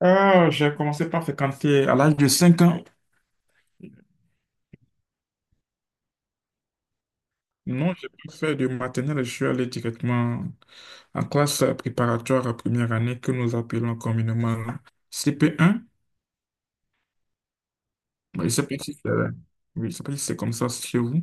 Ah, j'ai commencé par fréquenter à l'âge de 5 ans. Non, j'ai pas fait de maternelle, je suis allé directement en classe préparatoire à première année que nous appelons communément CP1. Bon, je sais pas si c'est oui, je sais pas si c'est comme ça chez vous.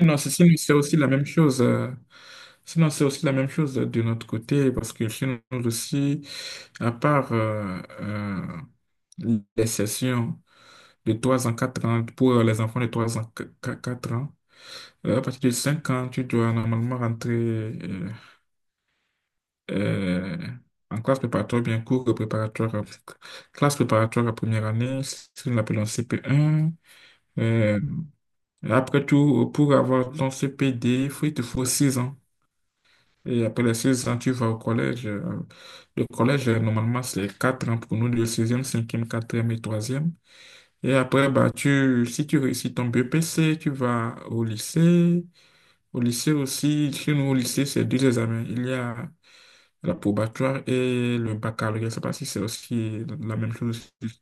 Non, c'est sinon, c'est aussi la même chose. Sinon, c'est aussi la même chose de notre côté parce que chez nous aussi, à part les sessions de 3 ans, 4 ans pour les enfants de 3 ans, 4 ans. À partir de 5 ans, tu dois normalement rentrer euh, en classe préparatoire, bien cours préparatoire, classe préparatoire à première année, ce que nous appelons CP1. Euh, et après tout, pour avoir ton CPD, il te faut 6 ans. Et après les 6 ans, tu vas au collège. Le collège, normalement, c'est 4 ans pour nous, le sixième, cinquième, quatrième et troisième. Et après, bah, si tu réussis ton BPC, tu vas au lycée. Au lycée aussi, chez nous au lycée, c'est deux examens. Il y a la probatoire et le baccalauréat. Je ne sais pas si c'est aussi la même chose aussi.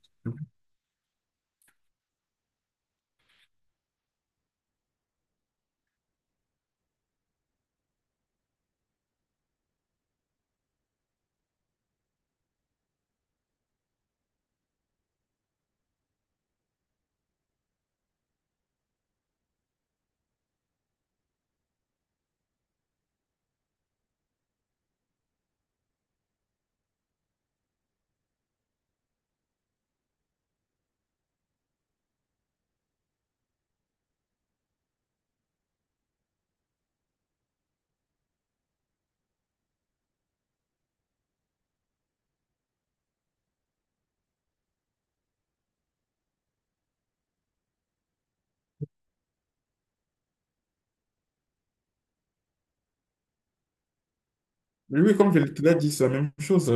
Oui, oui, comme je te l'ai dit, c'est la même chose.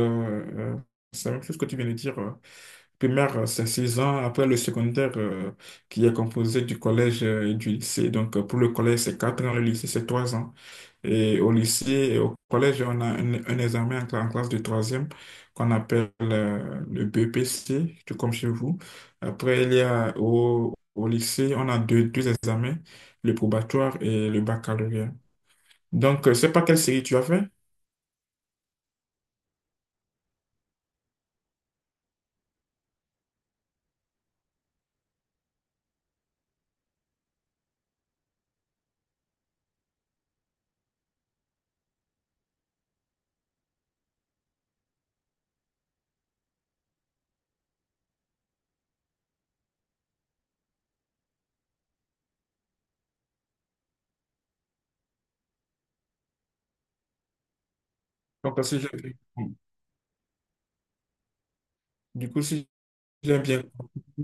euh, c'est la même chose que tu viens de dire. Primaire, c'est 6 ans. Après le secondaire, qui est composé du collège et du lycée. Donc, pour le collège, c'est 4 ans, le lycée, c'est 3 ans. Et au lycée et au collège, on a un examen en classe de troisième qu'on appelle le BPC, tout comme chez vous. Après, il y a au lycée, on a deux examens, le probatoire et le baccalauréat. Donc, je sais pas quelle série tu as fait. Donc, si j'ai- bien compris- du coup, si j'ai bien compris,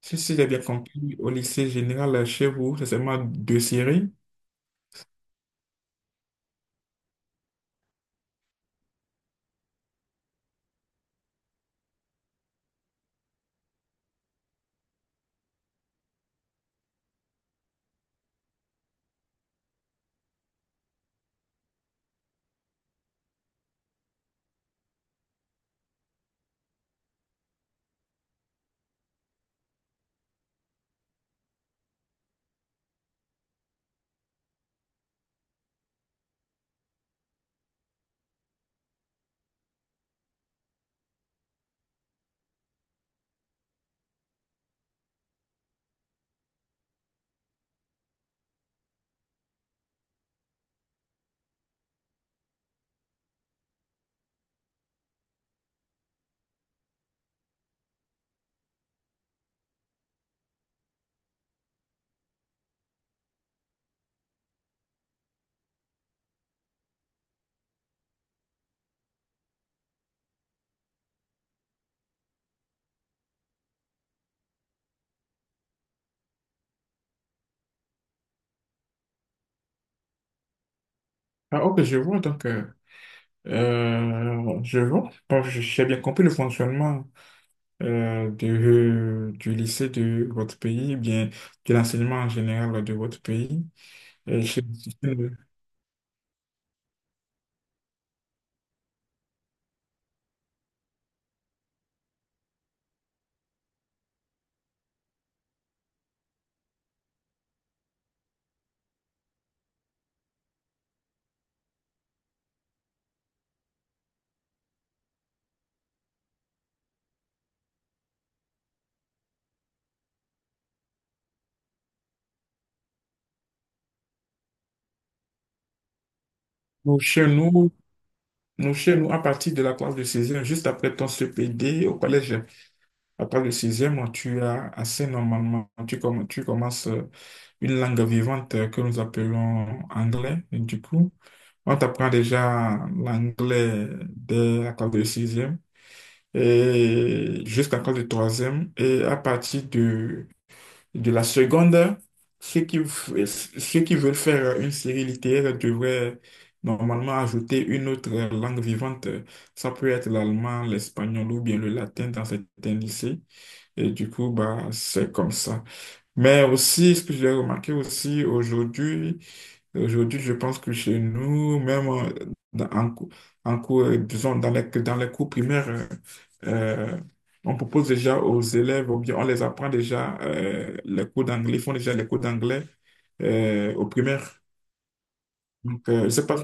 si j'ai bien compris, au lycée général chez vous, c'est seulement deux séries. Ah, ok, je vois. Donc, je vois. Bon, j'ai bien compris le fonctionnement du lycée de votre pays, bien de l'enseignement en général de votre pays. Et je- Nous, chez nous, nous, chez nous, à partir de la classe de 16 juste après ton CPD au collège, à partir de 16 tu as assez normalement, tu commences une langue vivante que nous appelons anglais. Et du coup, on t'apprend déjà l'anglais dès la classe de sixième et jusqu'à la classe de troisième. Et à partir de la seconde, ceux qui veulent faire une série littéraire devraient normalement ajouter une autre langue vivante. Ça peut être l'allemand, l'espagnol ou bien le latin dans certains lycées. Et du coup, bah, c'est comme ça. Mais aussi, ce que j'ai remarqué aussi aujourd'hui, je pense que chez nous, même dans- en, cou- en cours, disons, dans les cours primaires, euh, on propose déjà aux élèves, ou bien on les apprend déjà les cours d'anglais, ils font déjà les cours d'anglais aux primaires. Donc, je sais pas.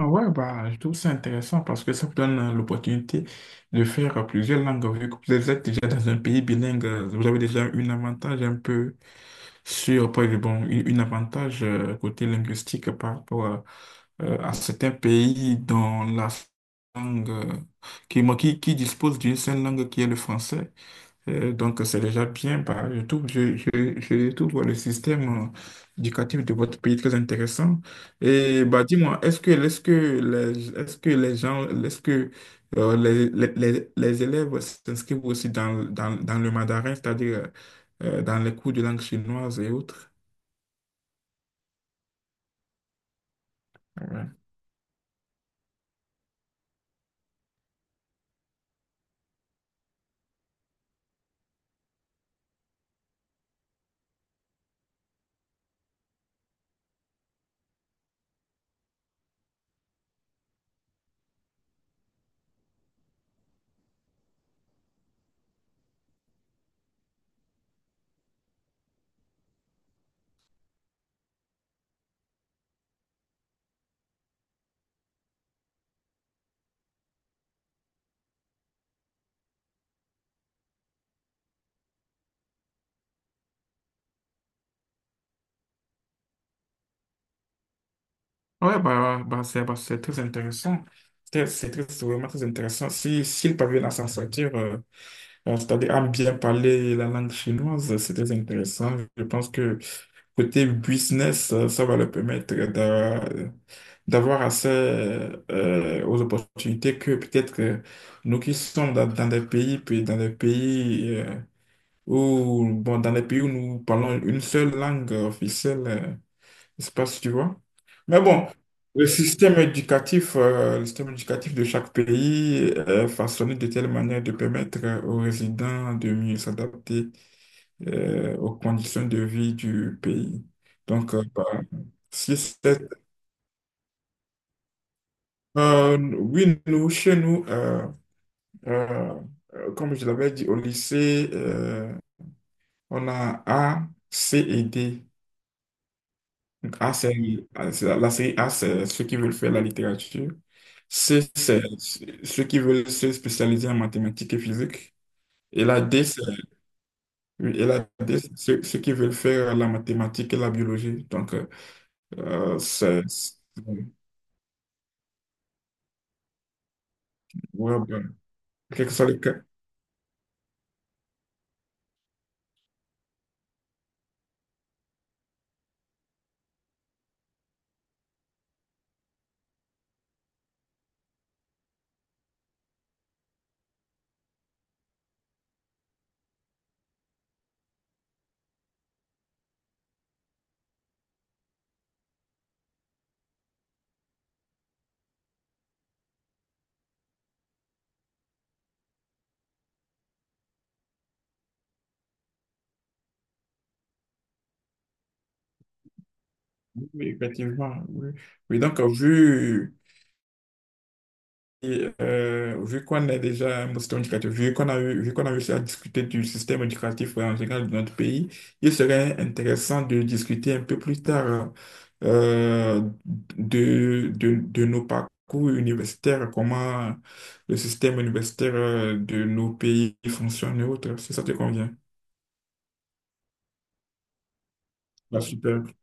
Ah, ouais, bah, je trouve ça intéressant parce que ça vous donne l'opportunité de faire plusieurs langues. Vu que vous êtes déjà dans un pays bilingue, vous avez déjà un avantage un peu sur, par exemple, bon, une avantage côté linguistique par rapport à certains pays dont la langue, qui dispose d'une seule langue qui est le français. Donc, c'est déjà bien. Bah, je trouve voilà, le système éducatif de votre pays très intéressant. Et bah, dis-moi, est-ce que les gens, est-ce que les élèves s'inscrivent aussi dans le mandarin, c'est-à-dire dans les cours de langue chinoise et autres? Ouais. Ouais, bah, c'est très intéressant. C'est vraiment très intéressant. Si, s'ils parviennent à s'en sortir, c'est-à-dire à bien parler la langue chinoise, c'est très intéressant. Je pense que côté business, ça va leur permettre d'avoir accès aux opportunités que peut-être nous qui sommes dans des pays, puis dans des pays où bon, dans des pays où nous parlons une seule langue officielle. Je sais pas si tu vois. Mais bon, le système éducatif de chaque pays est façonné de telle manière de permettre aux résidents de mieux s'adapter aux conditions de vie du pays. Donc, bah, si c'est, oui, nous, chez nous, euh, comme je l'avais dit au lycée, on a A, C et D. A, c'est ah, c'est- la série A, c'est ceux qui veulent faire la littérature. C, c'est ceux qui veulent se spécialiser en mathématiques et physique. Et la D, c'est oui, et la D, c'est ceux qui veulent faire la mathématique et la biologie. Donc, euh, c'est c'est- ouais, ouais. Quel que soit le cas. Oui, effectivement. Oui, oui, donc, vu. Et, vu qu'on est déjà un bon système éducatif, vu qu'on a réussi à discuter du système éducatif en général de notre pays, il serait intéressant de discuter un peu plus tard euh, de nos parcours universitaires, comment le système universitaire de nos pays fonctionne et autres, si ça te convient. Bah, super.